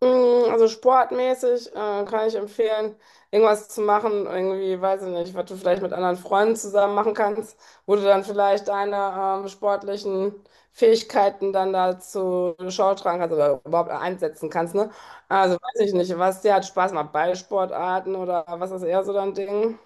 Also sportmäßig kann ich empfehlen, irgendwas zu machen, irgendwie, weiß ich nicht, was du vielleicht mit anderen Freunden zusammen machen kannst, wo du dann vielleicht deine sportlichen Fähigkeiten dann dazu Schau tragen kannst oder überhaupt einsetzen kannst, ne? Also weiß ich nicht, was dir hat Spaß macht, Ballsportarten oder was ist eher so dein Ding?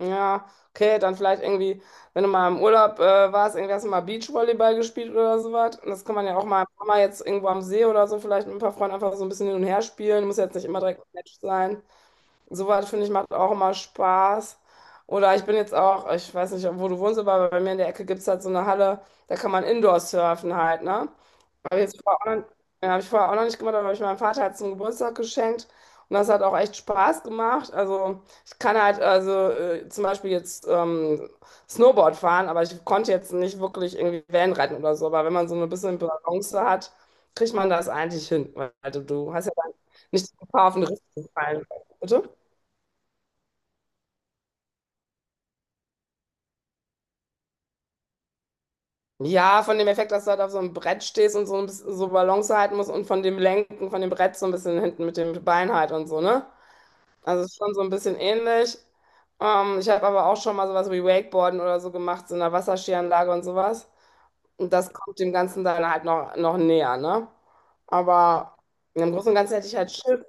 Ja, okay, dann vielleicht irgendwie, wenn du mal im Urlaub warst, irgendwie hast du mal Beachvolleyball gespielt oder sowas. Und das kann man ja auch mal im Sommer jetzt irgendwo am See oder so vielleicht mit ein paar Freunden einfach so ein bisschen hin und her spielen. Muss jetzt nicht immer direkt ein Match sein. Sowas finde ich macht auch immer Spaß. Oder ich bin jetzt auch, ich weiß nicht, wo du wohnst, aber bei mir in der Ecke gibt es halt so eine Halle, da kann man Indoor surfen halt, ne? Habe ich jetzt vorher auch noch, ja, hab ich vorher auch noch nicht gemacht, aber habe ich meinem Vater halt zum Geburtstag geschenkt. Und das hat auch echt Spaß gemacht. Also ich kann halt, also zum Beispiel jetzt Snowboard fahren, aber ich konnte jetzt nicht wirklich irgendwie Wellenreiten oder so. Aber wenn man so ein bisschen Balance hat, kriegt man das eigentlich hin. Weil du hast ja dann nicht die Gefahr, auf den Riss zu fallen. Bitte? Ja, von dem Effekt, dass du halt auf so einem Brett stehst und so ein bisschen so Balance halten musst und von dem Lenken von dem Brett so ein bisschen hinten mit dem Bein halt und so, ne? Also ist schon so ein bisschen ähnlich. Ich habe aber auch schon mal sowas wie Wakeboarden oder so gemacht, so in einer Wasserskianlage und sowas. Und das kommt dem Ganzen dann halt noch näher, ne? Aber im Großen und Ganzen hätte ich halt Schiss.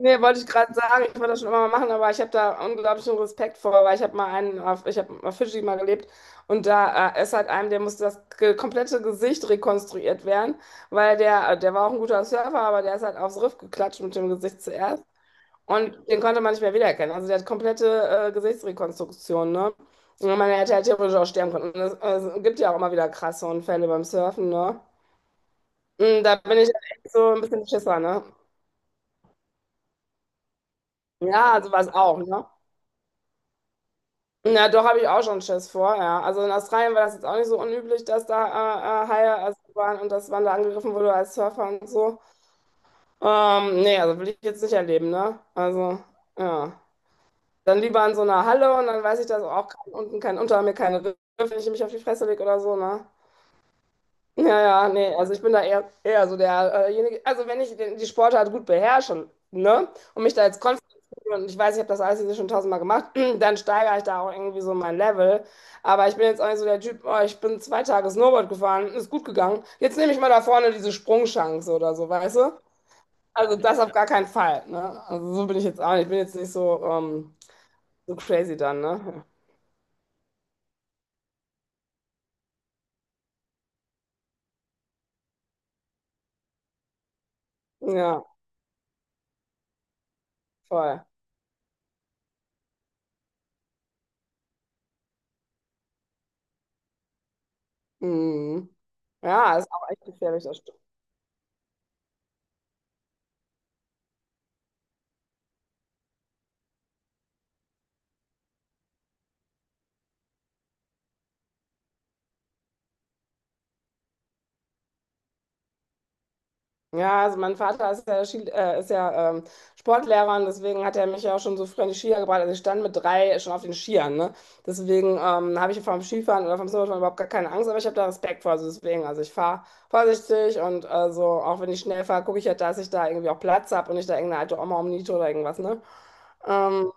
Nee, wollte ich gerade sagen, ich wollte das schon immer mal machen, aber ich habe da unglaublichen Respekt vor, weil ich habe mal einen auf, ich habe auf Fidschi mal gelebt und da ist halt einem, der musste das komplette Gesicht rekonstruiert werden, weil der, der war auch ein guter Surfer, aber der ist halt aufs Riff geklatscht mit dem Gesicht zuerst und den konnte man nicht mehr wiedererkennen. Also der hat komplette Gesichtsrekonstruktion, ne? Und man hätte halt theoretisch auch sterben können. Und es gibt ja auch immer wieder krasse Unfälle beim Surfen, ne? Und da bin ich halt echt so ein bisschen Schisser, ne? Ja, sowas auch, ne? Na, doch habe ich auch schon Schiss vor, ja. Also in Australien war das jetzt auch nicht so unüblich, dass da Haie also waren und dass man da angegriffen wurde als Surfer und so. Nee, also will ich jetzt nicht erleben, ne? Also, ja. Dann lieber in so einer Halle und dann weiß ich, dass auch kein, unten kein, unter mir keine Riffe, wenn ich mich auf die Fresse lege oder so, ne? Ja, ja, nee, also ich bin da eher so derjenige, also wenn ich den, die Sportart gut beherrsche, ne, und mich da jetzt konzentriere und ich weiß, ich habe das alles jetzt schon tausendmal gemacht, dann steigere ich da auch irgendwie so mein Level. Aber ich bin jetzt auch nicht so der Typ, oh, ich bin zwei Tage Snowboard gefahren, ist gut gegangen. Jetzt nehme ich mal da vorne diese Sprungchance oder so, weißt du? Also das auf gar keinen Fall, ne? Also so bin ich jetzt auch nicht. Ich bin jetzt nicht so, so crazy dann, ne? Ja, voll. Mhm. Ja, ist auch echt gefährlich, das. Ja, also mein Vater ist ja, Ski, ist ja Sportlehrer und deswegen hat er mich ja auch schon so früh an die Skier gebracht. Also ich stand mit drei schon auf den Skiern, ne? Deswegen habe ich vom Skifahren oder vom Snowboarden überhaupt gar keine Angst, aber ich habe da Respekt vor. Also deswegen, also ich fahre vorsichtig und also auch wenn ich schnell fahre, gucke ich ja, dass ich da irgendwie auch Platz habe und nicht da irgendeine alte Oma umniete oder irgendwas, ne? Ähm,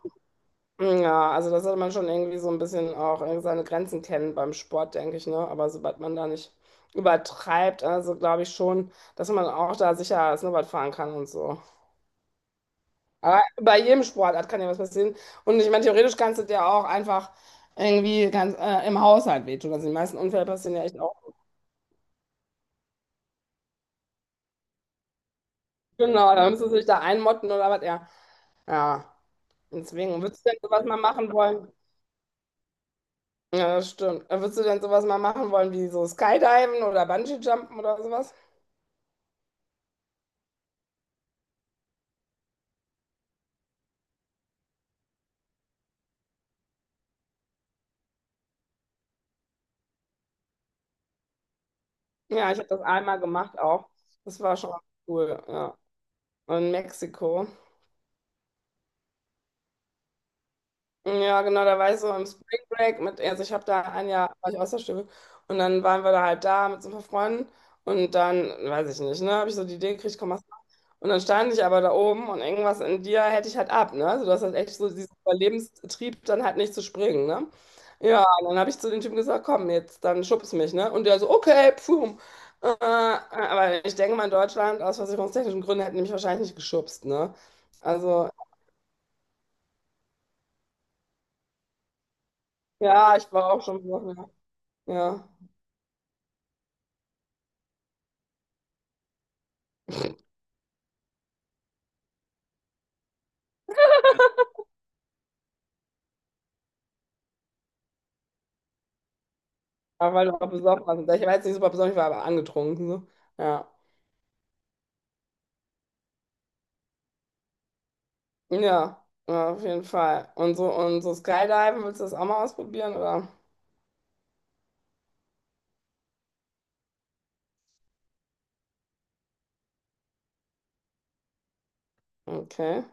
ja, also das sollte man schon irgendwie so ein bisschen auch irgendwie seine Grenzen kennen beim Sport, denke ich, ne? Aber sobald man da nicht übertreibt, also glaube ich schon, dass man auch da sicher Snowboard fahren kann und so. Aber bei jedem Sportart kann ja was passieren. Und ich meine, theoretisch kannst du dir auch einfach irgendwie ganz im Haushalt wehtun. Also die meisten Unfälle passieren ja echt auch. Genau, da müssen du dich da einmotten oder was, ja. Ja, deswegen, würdest du denn sowas mal machen wollen? Ja, das stimmt. Würdest du denn sowas mal machen wollen, wie so Skydiven oder Bungee-Jumpen oder sowas? Ja, ich habe das einmal gemacht auch. Das war schon cool, ja. In Mexiko. Ja, genau, da war ich so im Spring Break mit, also ich habe da ein Jahr, war ich Austauschschülerin und dann waren wir da halt da mit so ein paar Freunden und dann, weiß ich nicht, ne, habe ich so die Idee gekriegt, komm, mach's mal. Und dann stand ich aber da oben und irgendwas in dir hätte ich halt ab, ne, also du hast halt echt so diesen Überlebenstrieb, dann halt nicht zu springen, ne. Ja, und dann habe ich zu dem Typen gesagt, komm, jetzt, dann schubst mich, ne, und der so, okay, pfum. Aber ich denke mal, in Deutschland, aus versicherungstechnischen Gründen, hätten die mich wahrscheinlich nicht geschubst, ne, also, ja, ich war auch schon besoffen, ja. Ja. Ja, weil du auch besoffen warst. Ich weiß nicht super besoffen, ich war aber angetrunken. So. Ja. Ja, ja, auf jeden Fall. Und so Skydiven, willst du das auch mal ausprobieren, oder? Okay.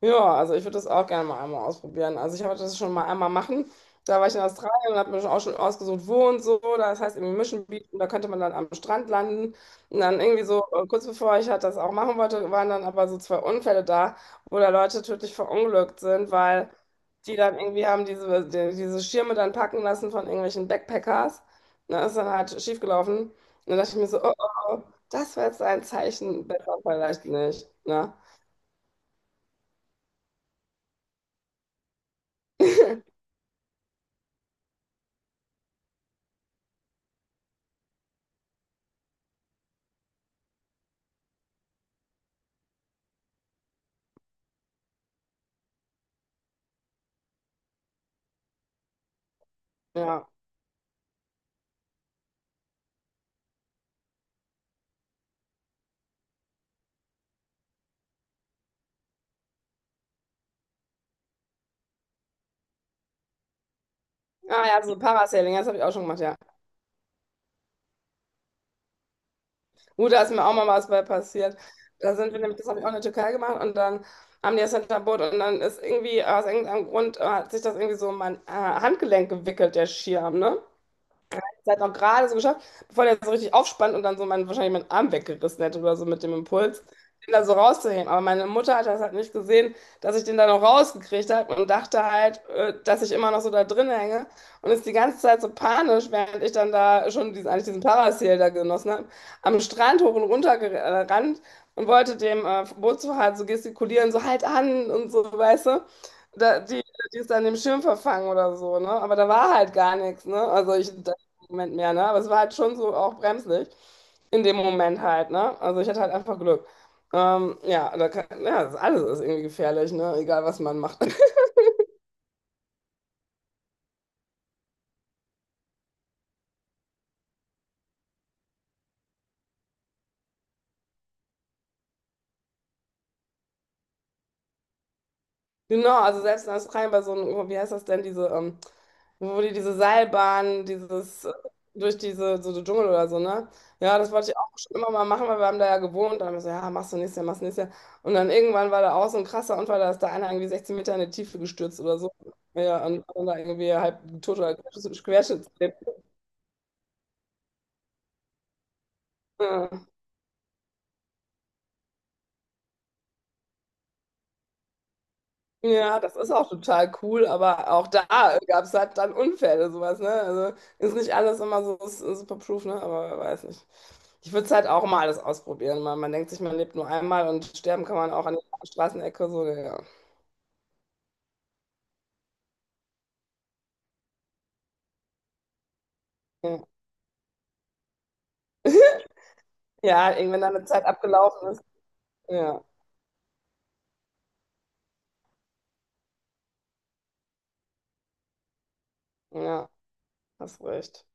Ja, also ich würde das auch gerne mal einmal ausprobieren. Also ich wollte das schon mal einmal machen. Da war ich in Australien und habe mir schon auch schon ausgesucht, wo und so. Das heißt irgendwie Mission Beach und da könnte man dann am Strand landen. Und dann irgendwie so, kurz bevor ich halt das auch machen wollte, waren dann aber so zwei Unfälle da, wo da Leute tödlich verunglückt sind, weil die dann irgendwie haben diese Schirme dann packen lassen von irgendwelchen Backpackers. Und dann ist dann halt schiefgelaufen. Und dann dachte ich mir so, oh, das war jetzt ein Zeichen, besser vielleicht nicht. Ne? Ja. Ah ja, so Parasailing, das habe ich auch schon gemacht, ja. Gut, da ist mir auch mal was bei passiert. Da sind wir nämlich, das habe ich auch in der Türkei gemacht und dann haben die das Hinterboot und dann ist irgendwie aus irgendeinem Grund hat sich das irgendwie so um mein Handgelenk gewickelt, der Schirm, ne? Zeit auch gerade so geschafft, bevor der so richtig aufspannt und dann so mein, wahrscheinlich meinen Arm weggerissen hätte oder so mit dem Impuls, den da so rauszuheben. Aber meine Mutter hat das halt nicht gesehen, dass ich den da noch rausgekriegt habe und dachte halt, dass ich immer noch so da drin hänge und ist die ganze Zeit so panisch, während ich dann da schon diesen, eigentlich diesen Parasail da genossen habe, am Strand hoch und runter gerannt und wollte dem Bootsfahrer so gestikulieren, so halt an und so, weißt du. Da, die ist an dem Schirm verfangen oder so, ne? Aber da war halt gar nichts, ne? Also ich, da, Moment mehr, ne? Aber es war halt schon so auch bremslich in dem Moment halt, ne? Also ich hatte halt einfach Glück. Ja, da kann, ja, das alles ist irgendwie gefährlich, ne? Egal, was man macht. Genau, also selbst in Australien bei so einem, wie heißt das denn, diese, wo die diese Seilbahn, dieses, durch diese, so den Dschungel oder so, ne? Ja, das wollte ich auch schon immer mal machen, weil wir haben da ja gewohnt. Dann haben wir so, ja, machst du nächstes Jahr, machst du nächstes Jahr. Und dann irgendwann war da auch so ein krasser Unfall, da ist da einer irgendwie 16 Meter in die Tiefe gestürzt oder so. Ja, und dann da irgendwie halb tot oder querschnittsgelähmt. Ja, ja, das ist auch total cool, aber auch da gab es halt dann Unfälle, sowas, ne? Also ist nicht alles immer so super, ne? Aber weiß nicht. Ich würde es halt auch mal alles ausprobieren. Man denkt sich, man lebt nur einmal und sterben kann man auch an der Straßenecke, so, ja. Ja, ja halt irgendwann dann eine Zeit abgelaufen ist. Ja, ja, hast recht.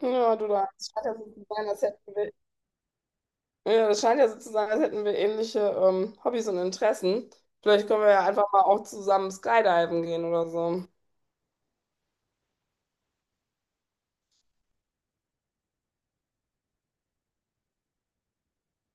Ja, du, da. Es scheint ja so zu sein, als hätten wir. Ja, das scheint ja so zu sein, als hätten wir ähnliche Hobbys und Interessen. Vielleicht können wir ja einfach mal auch zusammen skydiven gehen oder so.